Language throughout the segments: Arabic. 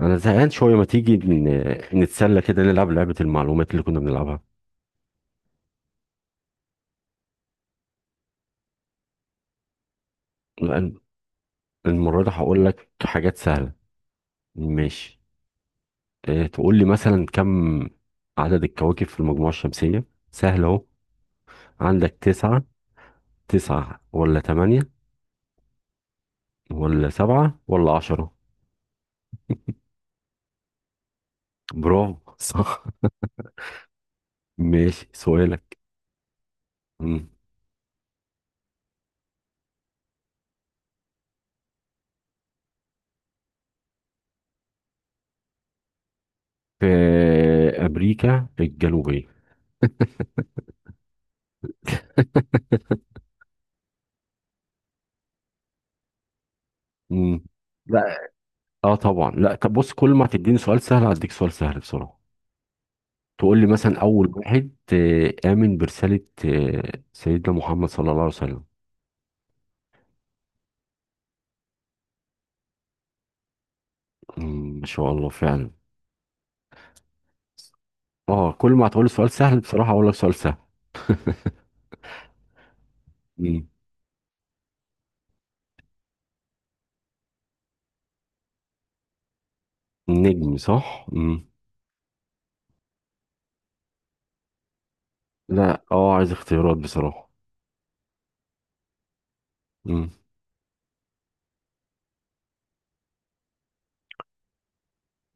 انا زهقان شويه، ما تيجي نتسلى كده نلعب لعبه المعلومات اللي كنا بنلعبها؟ لأن المره دي هقول لك حاجات سهله. ماشي. تقول لي مثلا كم عدد الكواكب في المجموعه الشمسيه؟ سهل اهو. عندك 9، 9 ولا 8 ولا 7 ولا 10؟ برافو، صح. ماشي، سؤالك. مم. في امريكا الجنوبيه. مم. لا، اه طبعا لا. طب بص، كل ما تديني سؤال سهل هديك سؤال سهل بسرعه. تقول لي مثلا اول واحد امن برساله. سيدنا محمد صلى الله عليه وسلم. ما شاء الله فعلا. اه، كل ما هتقول لي سؤال سهل بصراحه اقول لك سؤال سهل. مم. النجم، صح. مم. لا، اه عايز اختيارات بصراحه. مم.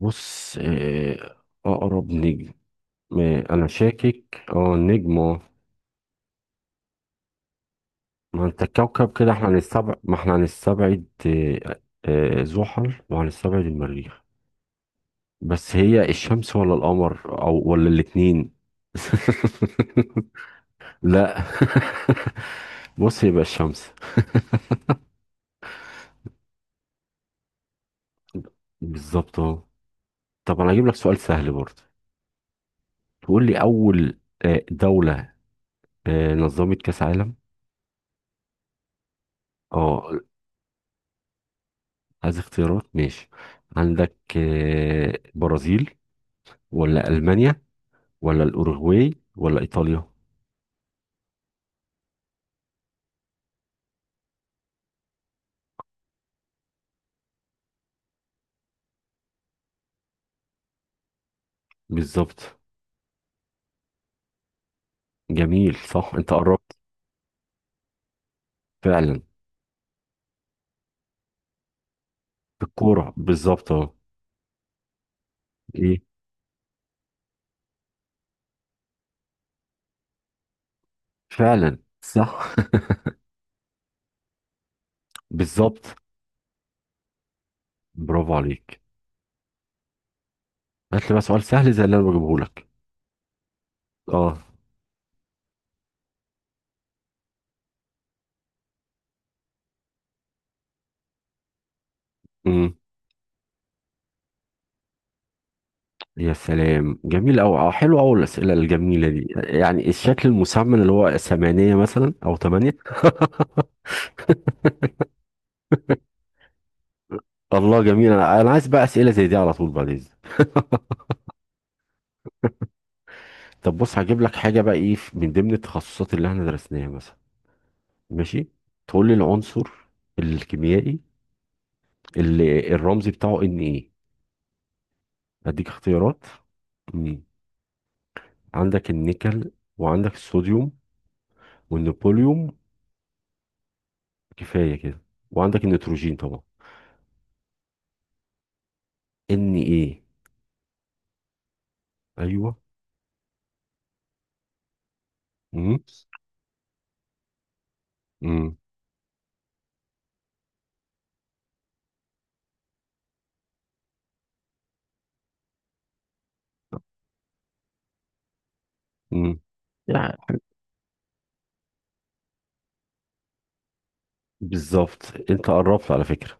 بص، اقرب نجم. انا شاكك، النجم اه ما انت الكوكب، كده احنا هنستبعد ما احنا هنستبعد زحل، وهنستبعد المريخ. بس هي الشمس ولا القمر ولا الاتنين؟ لا. بص، يبقى الشمس. بالظبط اهو. طب انا هجيب لك سؤال سهل برضه. تقول لي اول دولة نظمت كاس عالم. اه، عايز اختيارات. ماشي. عندك برازيل، ولا المانيا، ولا الاوروغواي، ولا ايطاليا؟ بالظبط. جميل، صح، انت قربت. فعلا. الكورة بالظبط اهو. ايه، فعلا صح. بالظبط. برافو عليك. هات لي بقى سؤال سهل زي اللي انا بجيبه لك. اه. امم يا سلام، جميل أوي، أو حلو أوي الأسئلة الجميلة دي. يعني الشكل المسمن اللي هو 8 مثلا أو 8. الله، جميل. أنا عايز بقى أسئلة زي دي على طول بعد إذنك. طب بص، هجيب لك حاجة بقى من ضمن التخصصات اللي إحنا درسناها مثلا. ماشي. تقول لي العنصر الكيميائي اللي الرمز بتاعه إن إيه. أديك اختيارات. مم. عندك النيكل، وعندك الصوديوم، والنبوليوم، كفايه كده، وعندك النيتروجين طبعا. ان ايه. ايوه. امم امم امم يعني بالظبط، انت قربت على فكره.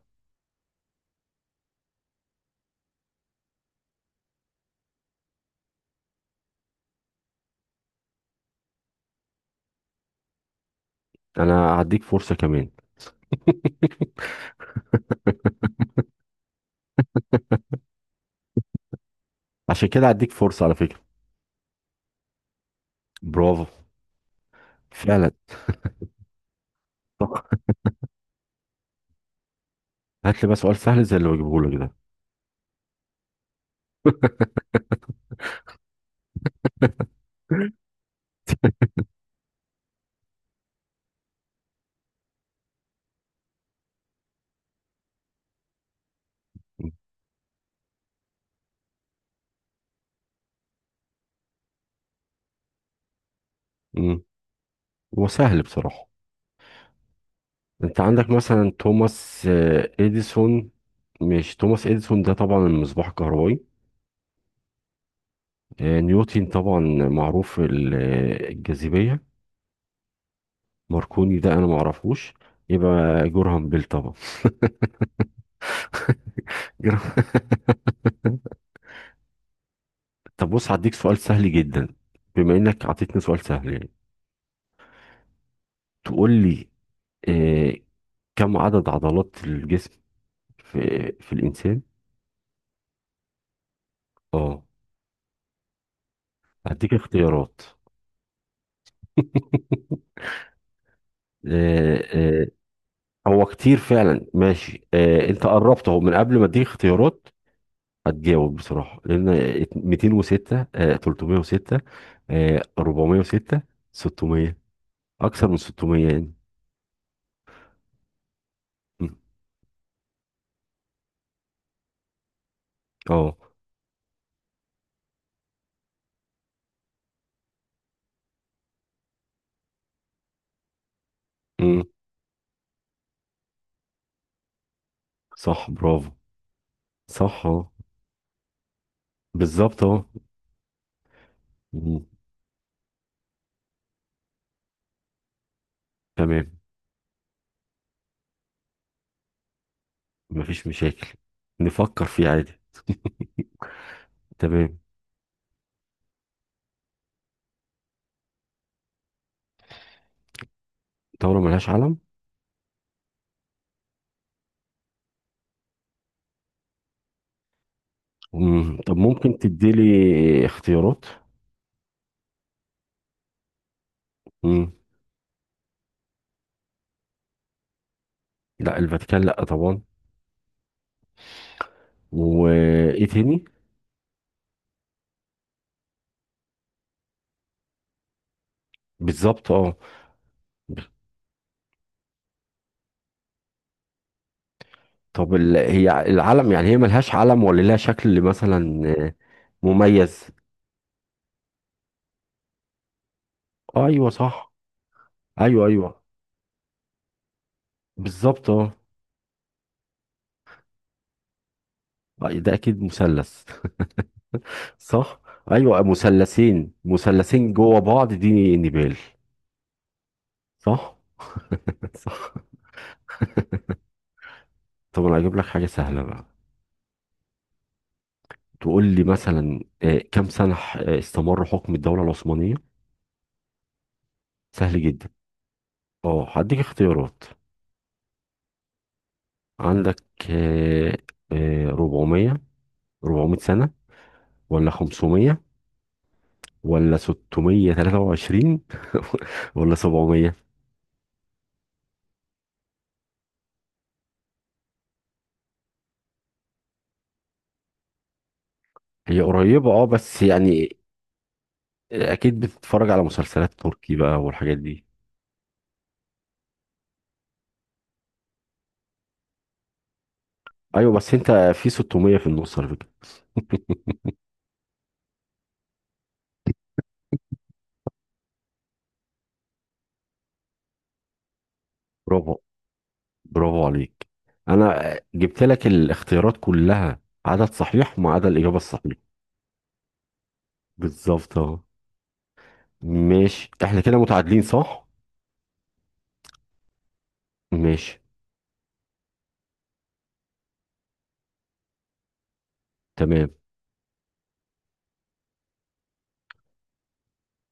انا هديك فرصه كمان. عشان كده هديك فرصه على فكره. برافو. فعلا. طب هات لي بقى سؤال سهل زي اللي بجيبه لك ده. امم هو سهل بصراحه. انت عندك مثلا توماس اديسون. مش توماس اديسون ده طبعا؟ المصباح الكهربائي. نيوتن طبعا، معروف الجاذبيه. ماركوني ده انا ما اعرفوش. يبقى جورهام بيل طبعا. جورهام-. طب بص، هديك سؤال سهل جدا، بما انك عطيتني سؤال سهل يعني. تقول لي آه كم عدد عضلات الجسم في في الانسان؟ اه، هديك اختيارات. آه آه هو كتير فعلا. ماشي، انت قربت اهو من قبل ما اديك اختيارات. هتجاوب بصراحة لان 206، 306، 406، 600، اكثر من 600. يعني. اه. امم صح، برافو، صح، اه، بالظبط، اه. مم. تمام. مفيش مشاكل، نفكر فيه عادي. تمام. دولة ملهاش علم. طب ممكن تديلي اختيارات. مم. لا الفاتيكان، لا طبعا. وايه تاني؟ بالظبط، اه. طب هي العلم، يعني هي ملهاش علم ولا لها شكل مثلا مميز؟ ايوه، صح. ايوه، ايوه. بالظبط، اه. ده اكيد مثلث. صح. ايوه، مثلثين مثلثين جوه بعض، دي نبال. صح. صح. طب انا هجيب لك حاجه سهله بقى. تقول لي مثلا كم سنه استمر حكم الدوله العثمانيه؟ سهل جدا. اه، هديك اختيارات. عندك آه، 400، 400 سنه، ولا 500، ولا 623، ولا 700؟ هي قريبه اه بس يعني. اكيد بتتفرج على مسلسلات تركي بقى والحاجات دي. ايوه، بس انت في 600 في النص على فكره. برافو. برافو عليك. انا جبت لك الاختيارات كلها عدد صحيح وما عدا الاجابه الصحيحه. بالظبط اهو. ماشي، احنا كده متعادلين، صح. ماشي. تمام.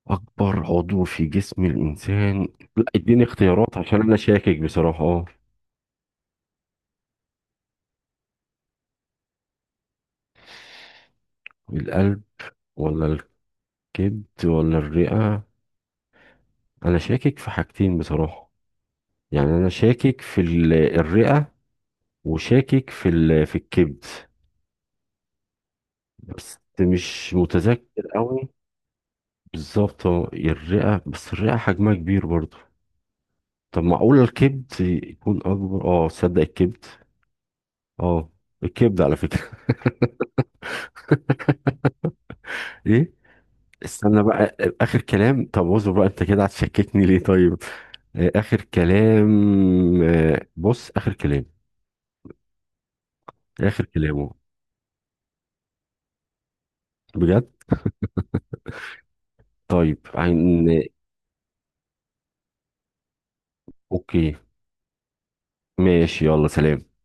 اكبر عضو في جسم الانسان. لا، اديني اختيارات عشان انا شاكك بصراحه، اه. القلب، ولا الكبد، ولا الرئه. انا شاكك في حاجتين بصراحه. يعني انا شاكك في الرئه، وشاكك في في الكبد. بس مش متذكر قوي. بالظبط، اه، الرئة، بس الرئة حجمها كبير برضه. طب معقول الكبد يكون أكبر؟ اه تصدق الكبد. اه، الكبد على فكرة. ايه؟ استنى بقى. آخر كلام؟ طب اصبر بقى، انت كده هتشككني ليه طيب؟ آخر كلام. بص، آخر كلام. آخر كلامه. بجد. طيب، عن. اوكي. ماشي، يلا سلام.